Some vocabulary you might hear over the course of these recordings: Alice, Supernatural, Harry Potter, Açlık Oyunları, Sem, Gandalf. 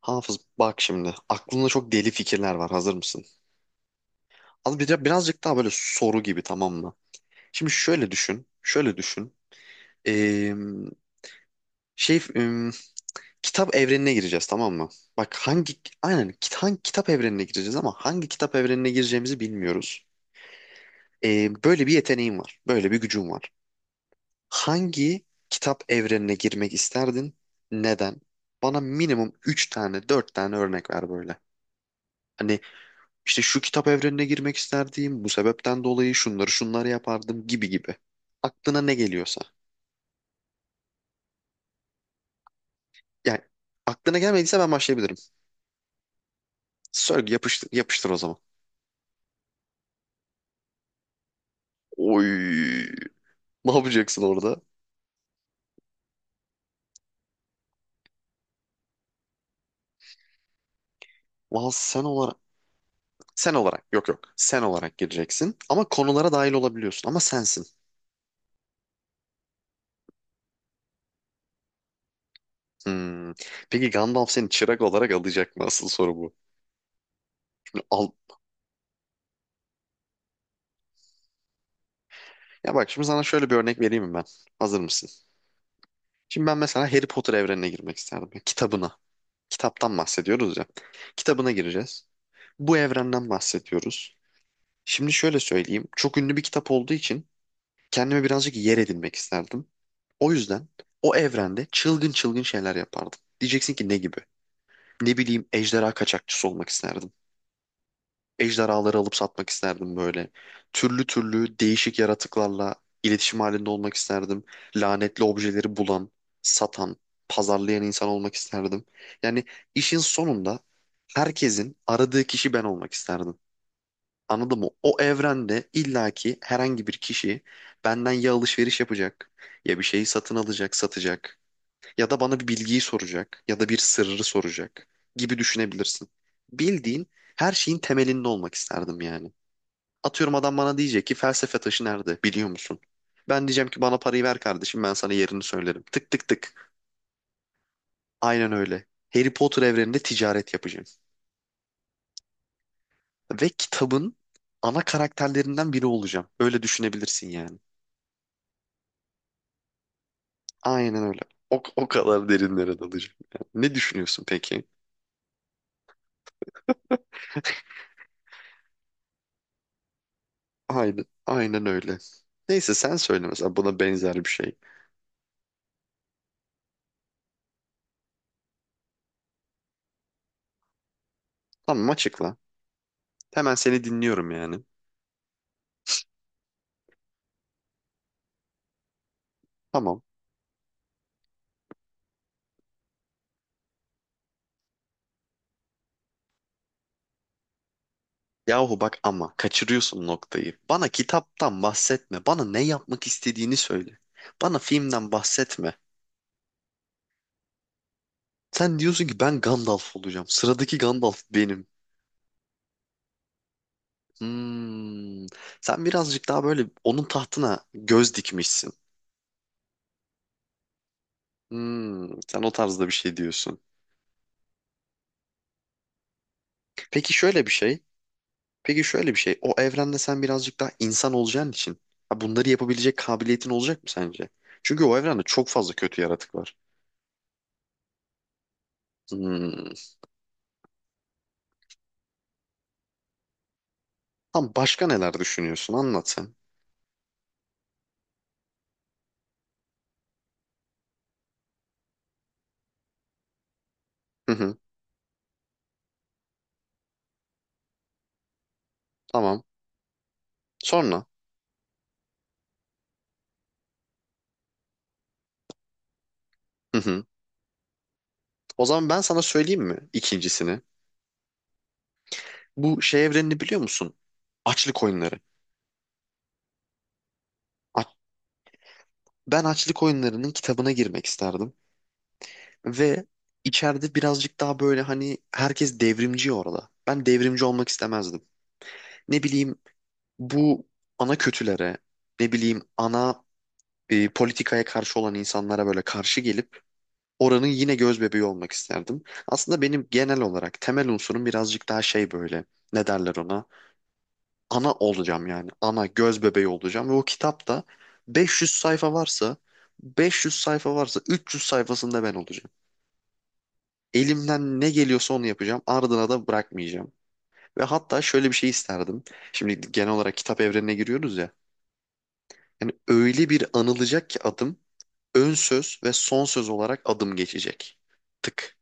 Hafız, bak şimdi aklında çok deli fikirler var, hazır mısın? Az bir de birazcık daha böyle soru gibi, tamam mı? Şimdi şöyle düşün, şöyle düşün. Ee, şey em, Kitap evrenine gireceğiz, tamam mı? Bak hangi kitap evrenine gireceğiz ama hangi kitap evrenine gireceğimizi bilmiyoruz. Böyle bir yeteneğin var, böyle bir gücün var. Hangi kitap evrenine girmek isterdin? Neden? Bana minimum 3 tane, 4 tane örnek ver böyle. Hani İşte şu kitap evrenine girmek isterdim, bu sebepten dolayı şunları şunları yapardım gibi gibi. Aklına ne geliyorsa. Yani aklına gelmediyse ben başlayabilirim. Söyle, yapıştır, yapıştır o zaman. Oy. Ne yapacaksın orada? Valla sen olarak, yok yok, sen olarak gireceksin ama konulara dahil olabiliyorsun, ama sensin. Hmm. Peki Gandalf seni çırak olarak alacak mı? Asıl soru bu. Al. Ya bak, şimdi sana şöyle bir örnek vereyim mi ben? Hazır mısın? Şimdi ben mesela Harry Potter evrenine girmek isterdim. Kitabına. Kitaptan bahsediyoruz ya. Kitabına gireceğiz. Bu evrenden bahsediyoruz. Şimdi şöyle söyleyeyim. Çok ünlü bir kitap olduğu için kendime birazcık yer edinmek isterdim. O yüzden o evrende çılgın çılgın şeyler yapardım. Diyeceksin ki ne gibi? Ne bileyim, ejderha kaçakçısı olmak isterdim. Ejderhaları alıp satmak isterdim böyle. Türlü türlü değişik yaratıklarla iletişim halinde olmak isterdim. Lanetli objeleri bulan, satan, pazarlayan insan olmak isterdim. Yani işin sonunda herkesin aradığı kişi ben olmak isterdim. Anladın mı? O evrende illaki herhangi bir kişi benden ya alışveriş yapacak, ya bir şeyi satın alacak, satacak, ya da bana bir bilgiyi soracak ya da bir sırrı soracak gibi düşünebilirsin. Bildiğin, her şeyin temelinde olmak isterdim yani. Atıyorum, adam bana diyecek ki felsefe taşı nerede biliyor musun? Ben diyeceğim ki bana parayı ver kardeşim, ben sana yerini söylerim. Tık tık tık. Aynen öyle. Harry Potter evreninde ticaret yapacağım. Ve kitabın ana karakterlerinden biri olacağım. Öyle düşünebilirsin yani. Aynen öyle. O kadar derinlere dalacağım yani. Ne düşünüyorsun peki? Aynen, aynen öyle. Neyse sen söyle mesela buna benzer bir şey. Tamam, açıkla. Hemen seni dinliyorum yani. Tamam. Yahu bak ama kaçırıyorsun noktayı. Bana kitaptan bahsetme. Bana ne yapmak istediğini söyle. Bana filmden bahsetme. Sen diyorsun ki ben Gandalf olacağım. Sıradaki Gandalf benim. Hmm. Sen birazcık daha böyle onun tahtına göz dikmişsin. Hmm. Sen o tarzda bir şey diyorsun. Peki şöyle bir şey. Peki şöyle bir şey. O evrende sen birazcık daha insan olacağın için, ha, bunları yapabilecek kabiliyetin olacak mı sence? Çünkü o evrende çok fazla kötü yaratık var. Hmm. Tam başka neler düşünüyorsun? Anlat sen. Hı hı. Tamam. Sonra. Hı hı. O zaman ben sana söyleyeyim mi ikincisini? Bu şey evrenini biliyor musun? Açlık oyunları. A- Ben açlık oyunlarının kitabına girmek isterdim. Ve içeride birazcık daha böyle, hani herkes devrimci orada. Ben devrimci olmak istemezdim. Ne bileyim, bu ana kötülere, ne bileyim, ana, politikaya karşı olan insanlara böyle karşı gelip oranın yine göz bebeği olmak isterdim. Aslında benim genel olarak temel unsurum birazcık daha şey böyle, ne derler ona? Ana olacağım yani. Ana göz bebeği olacağım ve o kitapta 500 sayfa varsa 500 sayfa varsa 300 sayfasında ben olacağım. Elimden ne geliyorsa onu yapacağım. Ardına da bırakmayacağım. Ve hatta şöyle bir şey isterdim. Şimdi genel olarak kitap evrenine giriyoruz ya. Yani öyle bir anılacak ki adım, ön söz ve son söz olarak adım geçecek. Tık.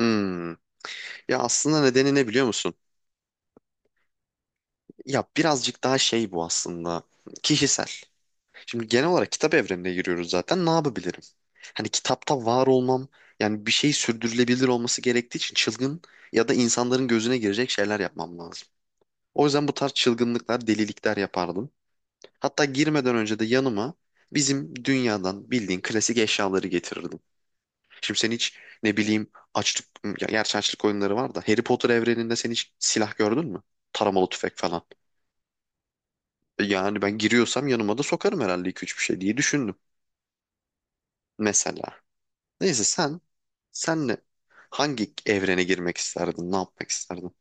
Hmm. Ya aslında nedeni ne biliyor musun? Ya birazcık daha şey bu aslında. Kişisel. Şimdi genel olarak kitap evrenine giriyoruz zaten. Ne yapabilirim? Hani kitapta var olmam, yani bir şey sürdürülebilir olması gerektiği için çılgın ya da insanların gözüne girecek şeyler yapmam lazım. O yüzden bu tarz çılgınlıklar, delilikler yapardım. Hatta girmeden önce de yanıma bizim dünyadan bildiğin klasik eşyaları getirirdim. Şimdi sen hiç, ne bileyim, açlık, gerçi açlık oyunları var da, Harry Potter evreninde sen hiç silah gördün mü? Taramalı tüfek falan. Yani ben giriyorsam yanıma da sokarım herhalde 2-3 bir şey diye düşündüm. Mesela. Neyse, senle hangi evrene girmek isterdin? Ne yapmak isterdin?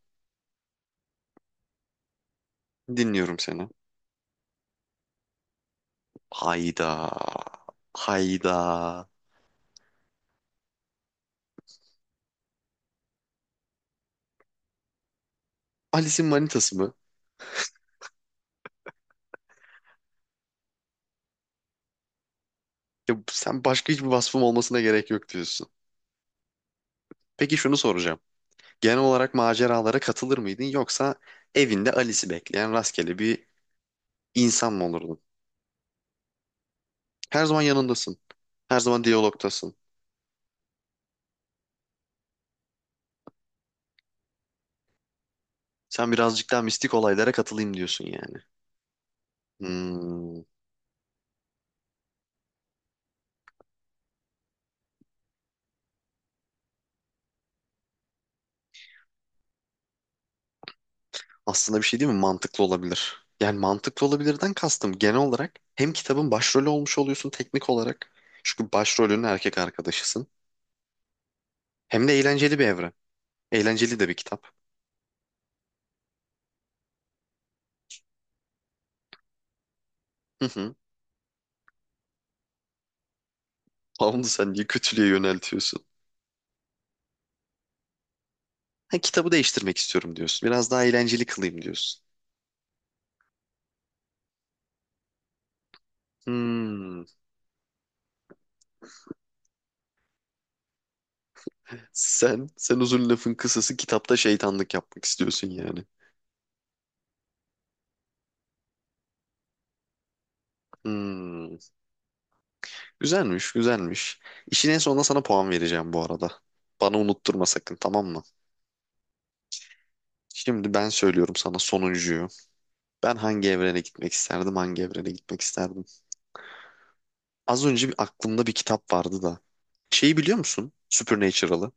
Dinliyorum seni. Hayda. Hayda. Alice'in manitası mı? Ya sen başka hiçbir vasfım olmasına gerek yok diyorsun. Peki şunu soracağım. Genel olarak maceralara katılır mıydın, yoksa evinde Alice'i bekleyen rastgele bir insan mı olurdun? Her zaman yanındasın. Her zaman diyalogtasın. Sen birazcık daha mistik olaylara katılayım diyorsun yani. Hmm, aslında bir şey değil mi? Mantıklı olabilir. Yani mantıklı olabilirden kastım, genel olarak hem kitabın başrolü olmuş oluyorsun teknik olarak. Çünkü başrolünün erkek arkadaşısın. Hem de eğlenceli bir evren. Eğlenceli de bir kitap. Hı hı. Tamam da sen niye kötülüğe yöneltiyorsun? Ha, kitabı değiştirmek istiyorum diyorsun. Biraz daha eğlenceli kılayım diyorsun. Hmm. Sen uzun lafın kısası kitapta şeytanlık yapmak istiyorsun yani. Hmm. Güzelmiş, güzelmiş. İşin en sonunda sana puan vereceğim bu arada. Bana unutturma sakın, tamam mı? Şimdi ben söylüyorum sana sonuncuyu. Ben hangi evrene gitmek isterdim, hangi evrene gitmek isterdim? Az önce bir aklımda bir kitap vardı da. Şeyi biliyor musun? Supernatural'ı.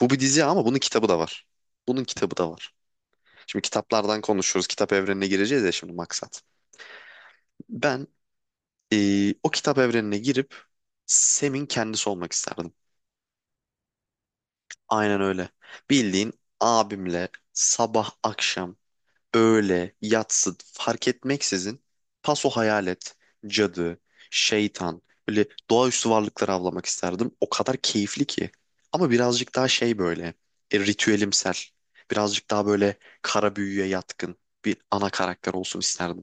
Bu bir dizi ama bunun kitabı da var. Bunun kitabı da var. Şimdi kitaplardan konuşuyoruz. Kitap evrenine gireceğiz ya şimdi, maksat. Ben o kitap evrenine girip Sem'in kendisi olmak isterdim. Aynen öyle. Bildiğin, abimle sabah akşam, öğle yatsı fark etmeksizin paso hayalet, cadı, şeytan, böyle doğaüstü varlıkları avlamak isterdim. O kadar keyifli ki. Ama birazcık daha şey böyle, ritüelimsel. Birazcık daha böyle kara büyüye yatkın bir ana karakter olsun isterdim.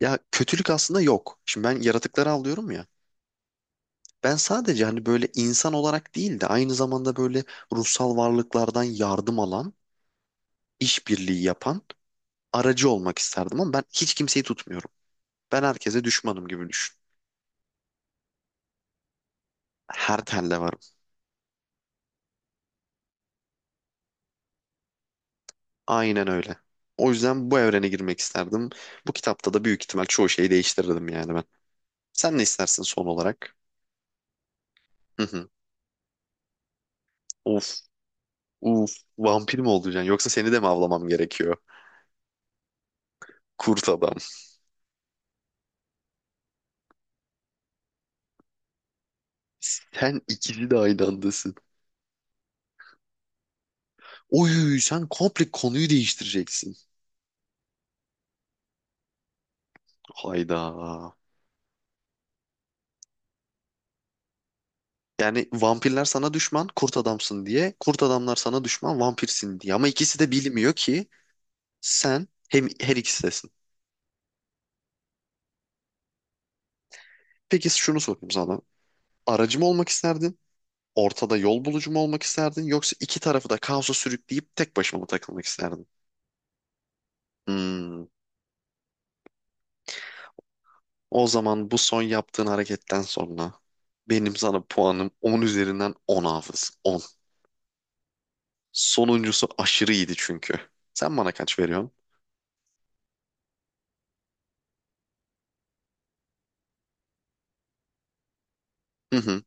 Ya kötülük aslında yok. Şimdi ben yaratıkları avlıyorum ya. Ben sadece, hani, böyle insan olarak değil de aynı zamanda böyle ruhsal varlıklardan yardım alan, işbirliği yapan aracı olmak isterdim, ama ben hiç kimseyi tutmuyorum. Ben herkese düşmanım gibi düşün. Her telle varım. Aynen öyle. O yüzden bu evrene girmek isterdim. Bu kitapta da büyük ihtimal çoğu şeyi değiştirirdim yani ben. Sen ne istersin son olarak? Hı hı. Of, of, vampir mi olacaksın? Yoksa seni de mi avlamam gerekiyor? Kurt adam. Sen ikisi de aynı andasın. Oy, sen komple konuyu değiştireceksin. Hayda. Yani vampirler sana düşman, kurt adamsın diye. Kurt adamlar sana düşman, vampirsin diye. Ama ikisi de bilmiyor ki sen hem her ikisisin. Peki şunu sorayım sana. Aracı mı olmak isterdin? Ortada yol bulucu mu olmak isterdin? Yoksa iki tarafı da kaosa sürükleyip tek başına mı takılmak isterdin? Hmm. O zaman bu son yaptığın hareketten sonra benim sana puanım 10 üzerinden on, Hafız. On. Sonuncusu aşırı iyiydi çünkü. Sen bana kaç veriyorsun? Hı hı.